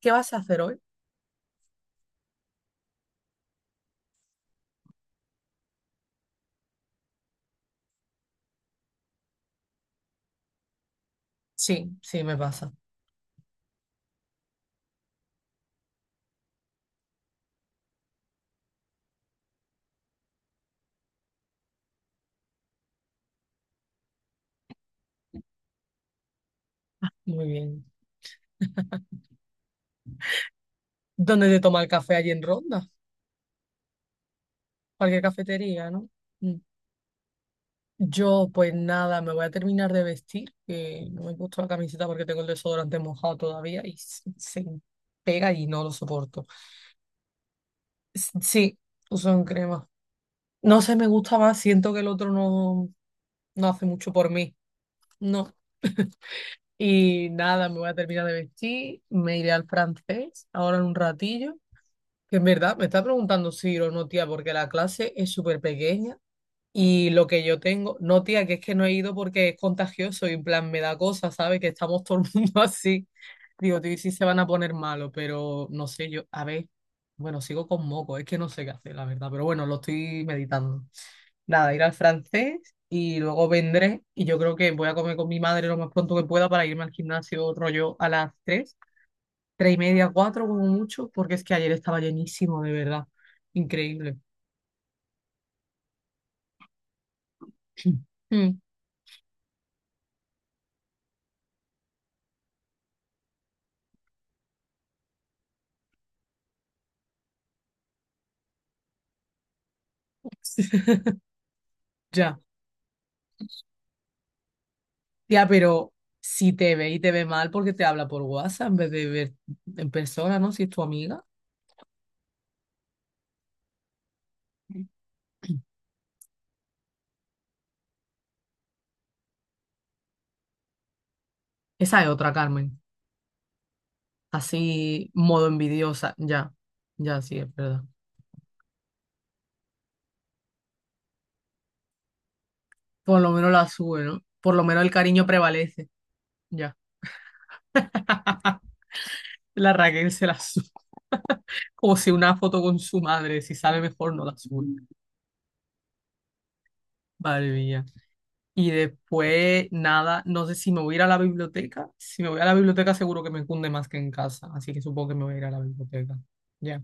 ¿Qué vas a hacer hoy? Sí, sí, me pasa. Muy bien. ¿Dónde te toma el café allí en Ronda? Cualquier cafetería, ¿no? Mm. Yo, pues nada, me voy a terminar de vestir, que no me he puesto la camiseta porque tengo el desodorante mojado todavía y se pega y no lo soporto. Sí, uso en crema. No sé, me gusta más, siento que el otro no hace mucho por mí. No. Y nada, me voy a terminar de vestir, me iré al francés ahora en un ratillo. Que en verdad me está preguntando si ir o no, tía, porque la clase es súper pequeña y lo que yo tengo, no, tía, que es que no he ido porque es contagioso y en plan me da cosas, ¿sabes? Que estamos todo el mundo así. Digo, tío, y sí se van a poner malos, pero no sé, yo, a ver, bueno, sigo con moco, es que no sé qué hacer, la verdad, pero bueno, lo estoy meditando. Nada, ir al francés y luego vendré y yo creo que voy a comer con mi madre lo más pronto que pueda para irme al gimnasio rollo a las tres, tres y media, 4 como mucho, porque es que ayer estaba llenísimo, de verdad. Increíble. Mm. Ya, ya, pero si te ve y te ve mal porque te habla por WhatsApp en vez de ver en persona, ¿no? Si es tu amiga. Esa es otra, Carmen. Así, modo envidiosa. Ya, ya, sí, es verdad. Por lo menos la sube, ¿no? Por lo menos el cariño prevalece. Ya. La Raquel se la sube. Como si una foto con su madre, si sabe mejor, no la sube. Madre mía. Y después, nada, no sé si me voy a ir a la biblioteca. Si me voy a la biblioteca, seguro que me cunde más que en casa. Así que supongo que me voy a ir a la biblioteca. Ya.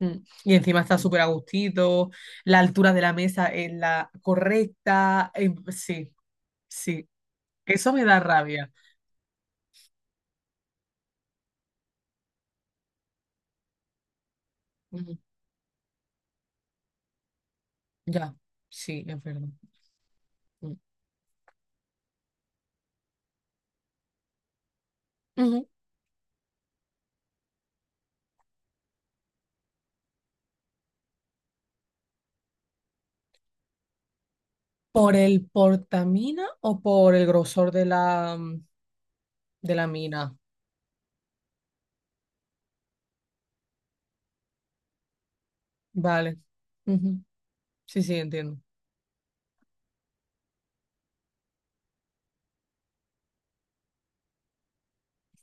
Mm. Y encima está súper a gustito. La altura de la mesa es la correcta. Sí, sí. Eso me da rabia. Ujú. Ya. Sí, es verdad. Mm. Ujú. ¿Por el portamina o por el grosor de la mina? Vale. Ujú. Sí, sí, entiendo.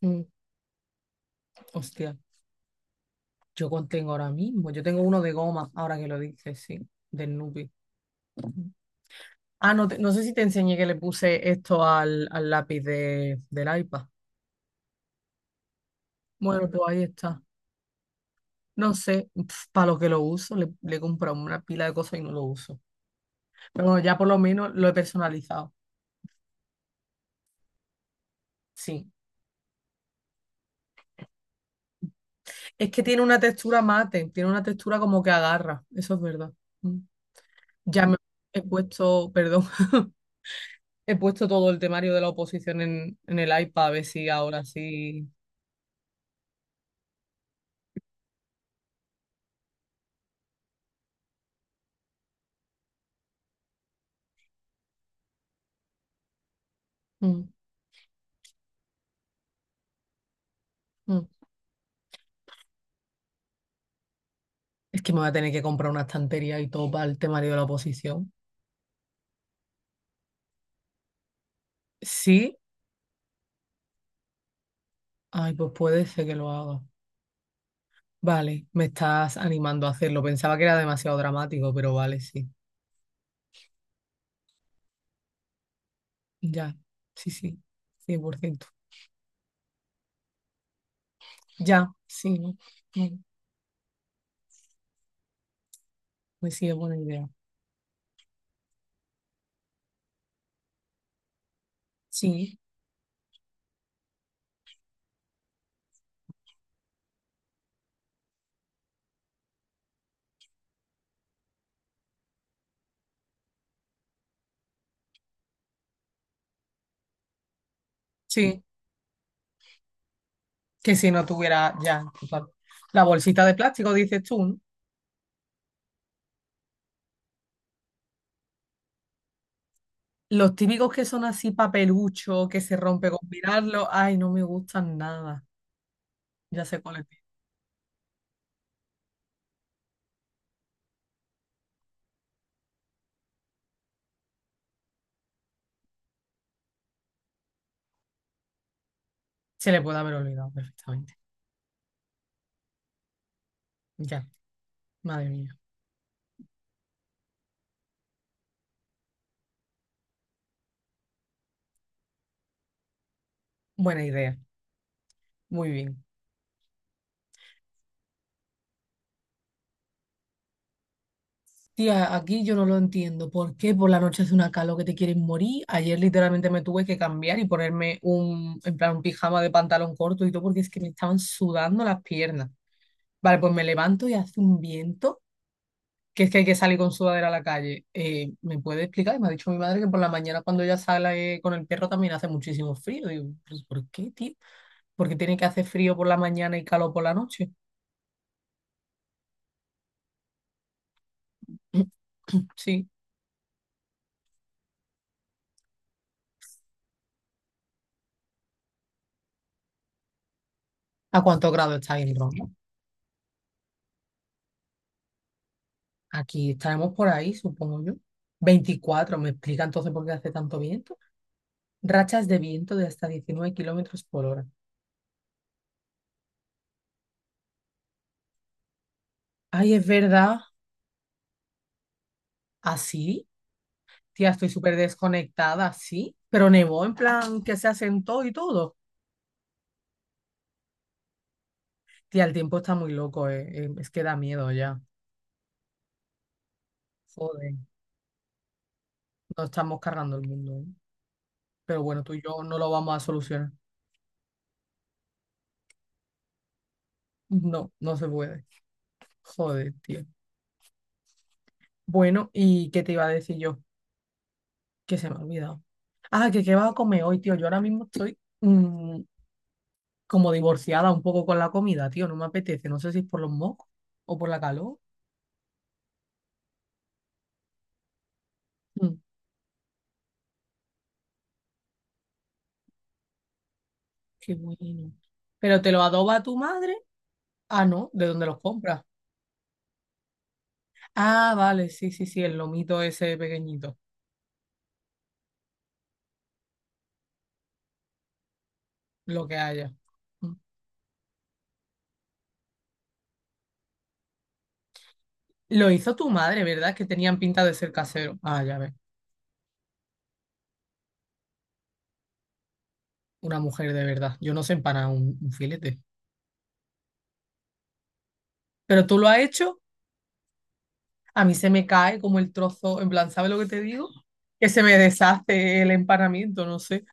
Mm. Hostia. Yo contengo ahora mismo. Yo tengo uno de goma, ahora que lo dices, sí, del Nupi. Ah, no, no sé si te enseñé que le puse esto al lápiz del iPad. Bueno, pues ahí está. No sé, para lo que lo uso, le he comprado una pila de cosas y no lo uso. Pero bueno, ya por lo menos lo he personalizado. Sí. Es que tiene una textura mate, tiene una textura como que agarra. Eso es verdad. Mm. Ya me he puesto, perdón, he puesto todo el temario de la oposición en el iPad a ver si ahora sí. Mm, mm. Es que me voy a tener que comprar una estantería y todo para el temario de la oposición. Sí, ay, pues puede ser que lo haga. Vale, me estás animando a hacerlo. Pensaba que era demasiado dramático, pero vale, sí. Ya, sí, sí, 100%. Ya, sí, ¿no? Mm, me sigue buena idea. Sí, sí, que si no tuviera ya. Total. La bolsita de plástico, dices tú, ¿no? Los típicos que son así papelucho, que se rompe con mirarlo, ay, no me gustan nada. Ya sé cuál es. Se le puede haber olvidado perfectamente. Ya, madre mía. Buena idea. Muy bien. Tía, aquí yo no lo entiendo. ¿Por qué por la noche hace una calor que te quieres morir? Ayer literalmente me tuve que cambiar y ponerme un, en plan, un pijama de pantalón corto y todo porque es que me estaban sudando las piernas. Vale, pues me levanto y hace un viento que es que hay que salir con sudadera a la calle. ¿Me puede explicar? Y me ha dicho mi madre que por la mañana cuando ella sale con el perro también hace muchísimo frío. Digo: "Pues, ¿por qué, tío? ¿Por qué tiene que hacer frío por la mañana y calor por la noche?" Sí. ¿A cuántos grados está en Roma? Aquí estaremos por ahí, supongo yo. 24. ¿Me explica entonces por qué hace tanto viento? Rachas de viento de hasta 19 km/h. Ay, es verdad, así, tía, estoy súper desconectada, sí, pero nevó en plan que se asentó y todo. Tía, el tiempo está muy loco, es que da miedo ya. Joder, nos estamos cargando el mundo. Pero bueno, tú y yo no lo vamos a solucionar. No, no se puede. Joder, tío. Bueno, ¿y qué te iba a decir yo? Que se me ha olvidado. Ah, que qué vas a comer hoy, tío. Yo ahora mismo estoy como divorciada un poco con la comida, tío. No me apetece. No sé si es por los mocos o por la calor. Mm, qué bueno. Pero te lo adoba tu madre. Ah, no, ¿de dónde los compras? Ah, vale, sí, sí, sí, el lomito ese pequeñito. Lo que haya. Lo hizo tu madre, ¿verdad? Que tenían pinta de ser casero. Ah, ya ves. Una mujer de verdad. Yo no sé empanar un filete. Pero tú lo has hecho. A mí se me cae como el trozo. En plan, ¿sabes lo que te digo? Que se me deshace el empanamiento, no sé.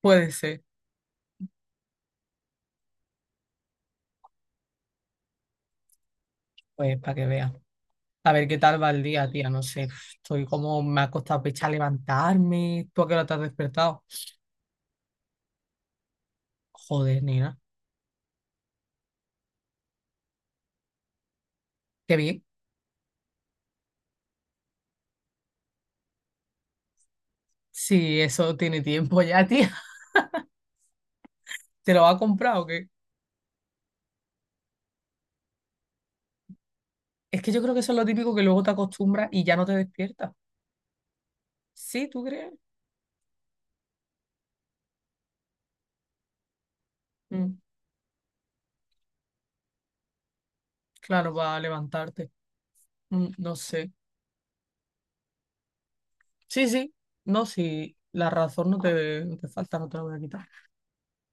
Puede ser. Pues para que veas. A ver qué tal va el día, tía. No sé. Estoy como me ha costado pecha levantarme. ¿Tú a qué hora te has despertado? Joder, nena. Qué bien. Sí, eso tiene tiempo ya, tía. ¿Te lo ha comprado o qué? Es que yo creo que eso es lo típico que luego te acostumbras y ya no te despiertas. ¿Sí, tú crees? Mm, claro, para levantarte. Mm, no sé. Sí, sí. No, sí. La razón no te falta, no te la voy a quitar.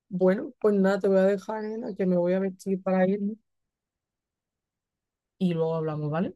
Bueno, pues nada, te voy a dejar, Elena, que me voy a vestir para irme y luego hablamos, ¿vale?